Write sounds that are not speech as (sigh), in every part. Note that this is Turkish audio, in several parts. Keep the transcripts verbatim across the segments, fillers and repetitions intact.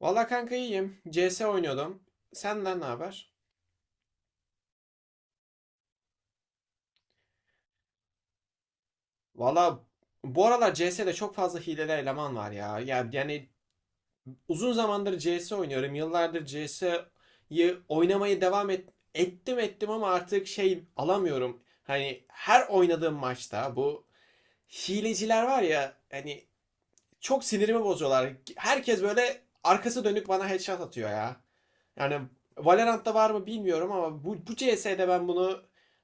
Valla kanka iyiyim. C S oynuyordum. Senden ne haber? Valla bu aralar C S'de çok fazla hileli eleman var ya. Ya yani uzun zamandır C S oynuyorum. Yıllardır C S'yi oynamayı devam et, ettim ettim ama artık şey alamıyorum. Hani her oynadığım maçta bu hileciler var ya hani çok sinirimi bozuyorlar. Herkes böyle arkası dönük bana headshot atıyor ya. Yani Valorant'ta var mı bilmiyorum ama bu, bu C S'de ben bunu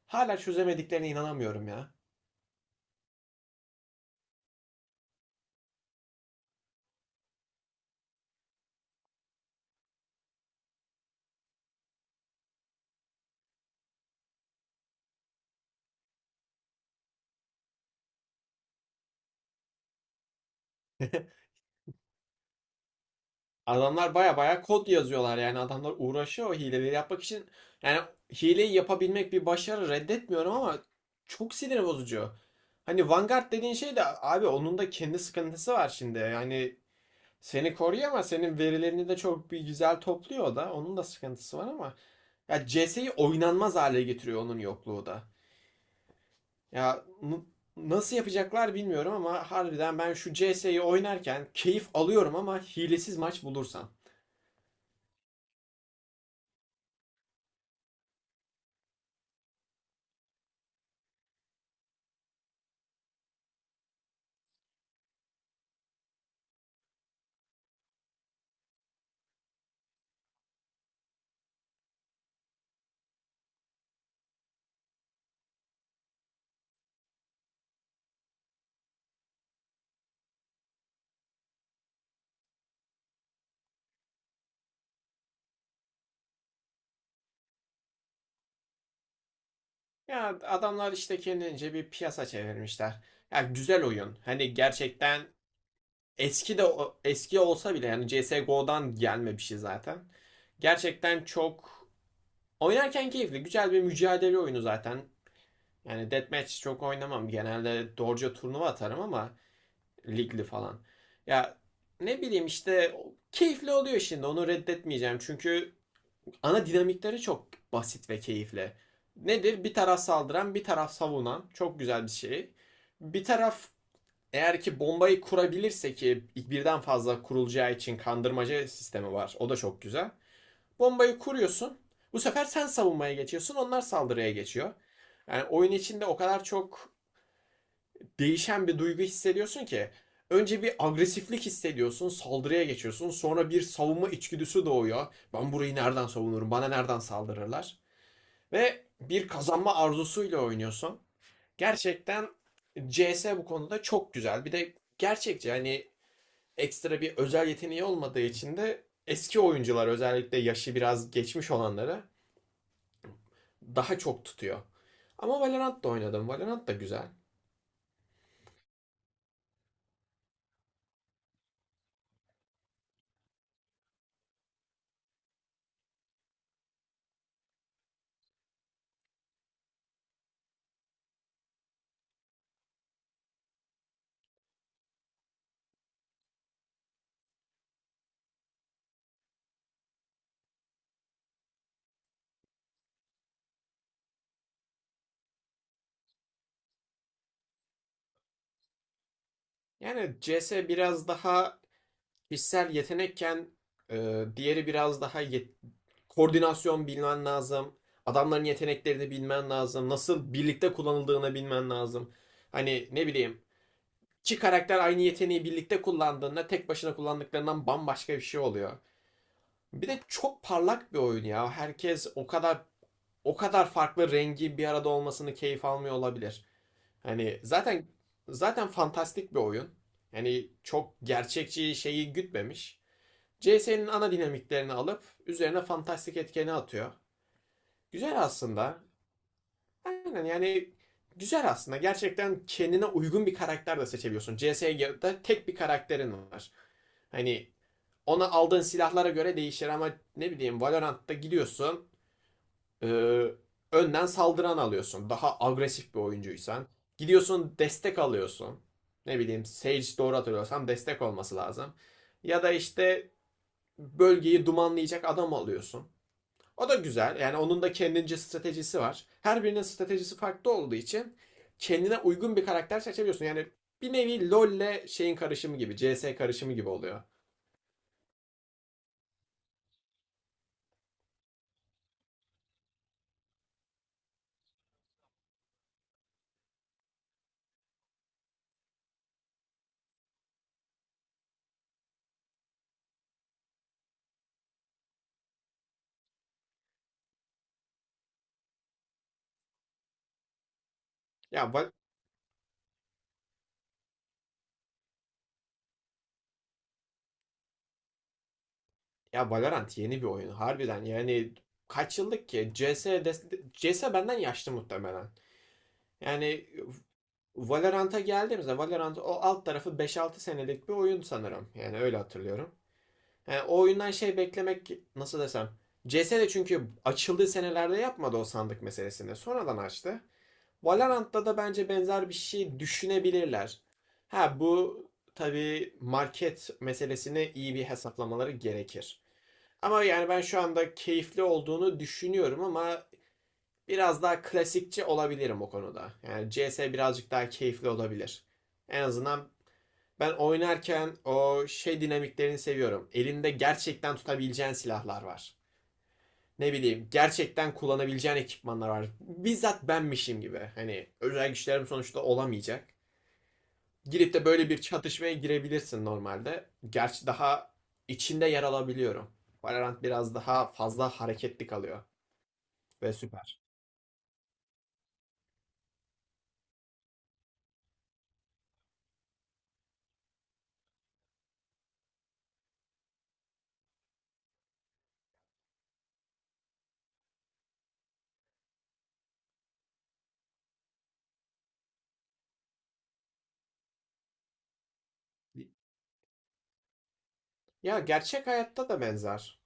hala çözemediklerine inanamıyorum ya. (laughs) Adamlar baya baya kod yazıyorlar, yani adamlar uğraşıyor o hileleri yapmak için. Yani hileyi yapabilmek bir başarı, reddetmiyorum ama çok sinir bozucu. Hani Vanguard dediğin şey de abi, onun da kendi sıkıntısı var şimdi. Yani seni koruyor ama senin verilerini de çok bir güzel topluyor o da. Onun da sıkıntısı var ama. Ya C S'yi oynanmaz hale getiriyor onun yokluğu da. Ya nasıl yapacaklar bilmiyorum ama harbiden ben şu C S'yi oynarken keyif alıyorum, ama hilesiz maç bulursam. Ya adamlar işte kendince bir piyasa çevirmişler. Ya güzel oyun. Hani gerçekten eski de eski olsa bile, yani C S go'dan gelme bir şey zaten. Gerçekten çok oynarken keyifli. Güzel bir mücadele oyunu zaten. Yani deathmatch çok oynamam. Genelde doğruca turnuva atarım, ama ligli falan. Ya ne bileyim işte, keyifli oluyor şimdi. Onu reddetmeyeceğim. Çünkü ana dinamikleri çok basit ve keyifli. Nedir? Bir taraf saldıran, bir taraf savunan. Çok güzel bir şey. Bir taraf eğer ki bombayı kurabilirse, ki birden fazla kurulacağı için kandırmaca sistemi var. O da çok güzel. Bombayı kuruyorsun. Bu sefer sen savunmaya geçiyorsun. Onlar saldırıya geçiyor. Yani oyun içinde o kadar çok değişen bir duygu hissediyorsun ki. Önce bir agresiflik hissediyorsun, saldırıya geçiyorsun. Sonra bir savunma içgüdüsü doğuyor. Ben burayı nereden savunurum? Bana nereden saldırırlar? Ve bir kazanma arzusuyla oynuyorsun. Gerçekten C S bu konuda çok güzel. Bir de gerçekçi, hani ekstra bir özel yeteneği olmadığı için de eski oyuncular, özellikle yaşı biraz geçmiş olanlara daha çok tutuyor. Ama Valorant da oynadım. Valorant da güzel. Yani C S biraz daha kişisel yetenekken, e, diğeri biraz daha yet- koordinasyon bilmen lazım. Adamların yeteneklerini bilmen lazım. Nasıl birlikte kullanıldığını bilmen lazım. Hani ne bileyim, iki karakter aynı yeteneği birlikte kullandığında tek başına kullandıklarından bambaşka bir şey oluyor. Bir de çok parlak bir oyun ya. Herkes o kadar o kadar farklı rengi bir arada olmasını keyif almıyor olabilir. Hani zaten zaten fantastik bir oyun. Yani çok gerçekçi şeyi gütmemiş. C S'nin ana dinamiklerini alıp üzerine fantastik etkeni atıyor. Güzel aslında. Aynen, yani güzel aslında. Gerçekten kendine uygun bir karakter de seçebiliyorsun. C S'de tek bir karakterin var. Hani ona aldığın silahlara göre değişir ama ne bileyim, Valorant'ta gidiyorsun. Ee, önden saldıran alıyorsun. Daha agresif bir oyuncuysan. Gidiyorsun, destek alıyorsun. Ne bileyim, Sage, doğru hatırlıyorsam destek olması lazım. Ya da işte bölgeyi dumanlayacak adam alıyorsun. O da güzel. Yani onun da kendince stratejisi var. Her birinin stratejisi farklı olduğu için kendine uygun bir karakter seçebiliyorsun. Yani bir nevi LoL'le şeyin karışımı gibi, C S karışımı gibi oluyor. Ya Va- Ya Valorant yeni bir oyun harbiden, yani kaç yıllık ki? C S, de, C S benden yaşlı muhtemelen. Yani Valorant'a geldiğimizde, Valorant o alt tarafı beş altı senelik bir oyun sanırım. Yani öyle hatırlıyorum. Yani o oyundan şey beklemek, nasıl desem. C S de çünkü açıldığı senelerde yapmadı o sandık meselesini. Sonradan açtı. Valorant'ta da bence benzer bir şey düşünebilirler. Ha, bu tabii market meselesini iyi bir hesaplamaları gerekir. Ama yani ben şu anda keyifli olduğunu düşünüyorum, ama biraz daha klasikçi olabilirim o konuda. Yani C S birazcık daha keyifli olabilir. En azından ben oynarken o şey dinamiklerini seviyorum. Elinde gerçekten tutabileceğin silahlar var. Ne bileyim, gerçekten kullanabileceğin ekipmanlar var. Bizzat benmişim gibi. Hani özel güçlerim sonuçta olamayacak. Girip de böyle bir çatışmaya girebilirsin normalde. Gerçi daha içinde yer alabiliyorum. Valorant biraz daha fazla hareketli kalıyor. Ve süper. Ya gerçek hayatta da benzer.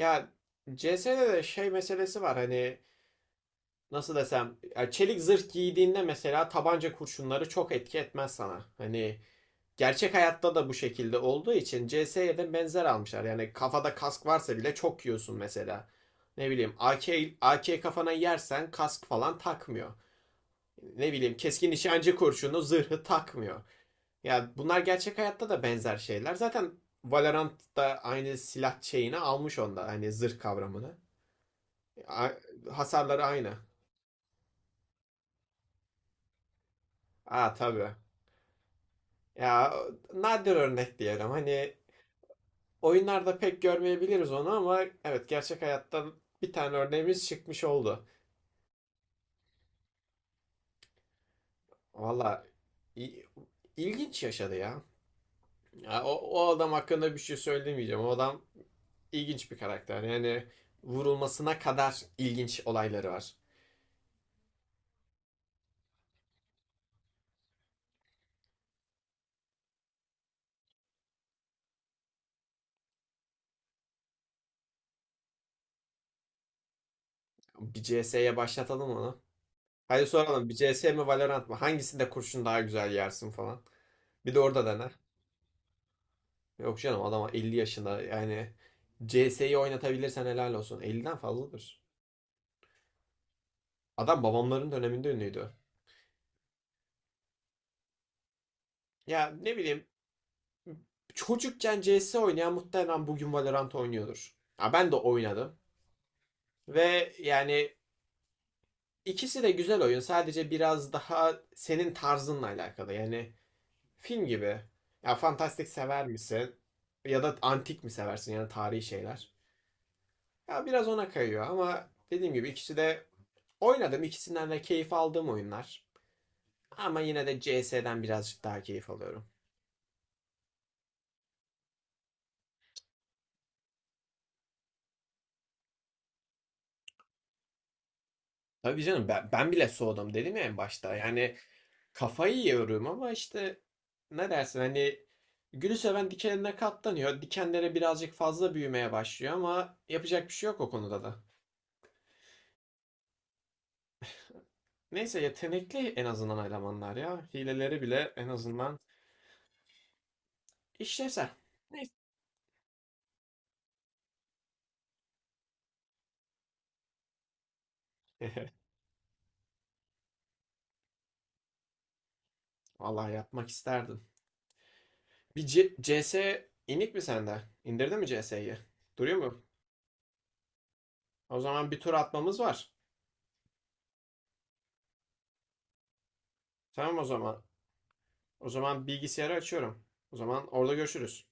Ya C S'de de şey meselesi var, hani nasıl desem ya, çelik zırh giydiğinde mesela tabanca kurşunları çok etki etmez sana. Hani gerçek hayatta da bu şekilde olduğu için C S'ye de benzer almışlar. Yani kafada kask varsa bile çok yiyorsun mesela. Ne bileyim, A K, A K kafana yersen kask falan takmıyor. Ne bileyim, keskin nişancı kurşunu zırhı takmıyor. Ya bunlar gerçek hayatta da benzer şeyler. Zaten Valorant da aynı silah şeyini almış onda. Hani zırh kavramını. A- Hasarları aynı. Aa, tabii. Ya nadir örnek diyelim. Hani oyunlarda pek görmeyebiliriz onu, ama evet, gerçek hayatta bir tane örneğimiz çıkmış oldu. Valla i- ilginç yaşadı ya. Ya o, o adam hakkında bir şey söylemeyeceğim. O adam ilginç bir karakter. Yani vurulmasına kadar ilginç olayları var. Bir C S'ye başlatalım onu. Hadi soralım, bir C S mi Valorant mı? Hangisinde kurşun daha güzel yersin falan. Bir de orada dene. Yok canım, adam elli yaşında, yani C CS'yi oynatabilirsen helal olsun. Elli'den fazladır. Adam babamların döneminde ünlüydü. Ya ne bileyim, çocukken C S oynayan muhtemelen bugün Valorant oynuyordur. Ya ben de oynadım. Ve yani ikisi de güzel oyun. Sadece biraz daha senin tarzınla alakalı. Yani film gibi. Ya fantastik sever misin? Ya da antik mi seversin, yani tarihi şeyler? Ya biraz ona kayıyor, ama dediğim gibi ikisi de oynadım. İkisinden de keyif aldığım oyunlar. Ama yine de C S'den birazcık daha keyif alıyorum. Tabii canım, ben, ben bile soğudum, dedim ya en başta. Yani kafayı yiyorum ama işte ne dersin, hani gülü seven dikenine katlanıyor. Dikenlere birazcık fazla büyümeye başlıyor, ama yapacak bir şey yok o konuda da. Neyse, yetenekli en azından elemanlar ya. Hileleri bile en azından işlevsel. Neyse. (laughs) Vallahi yapmak isterdim. Bir C- CS inik mi sende? İndirdin mi C CS'yi? Duruyor mu? O zaman bir tur atmamız var. Tamam o zaman. O zaman bilgisayarı açıyorum. O zaman orada görüşürüz.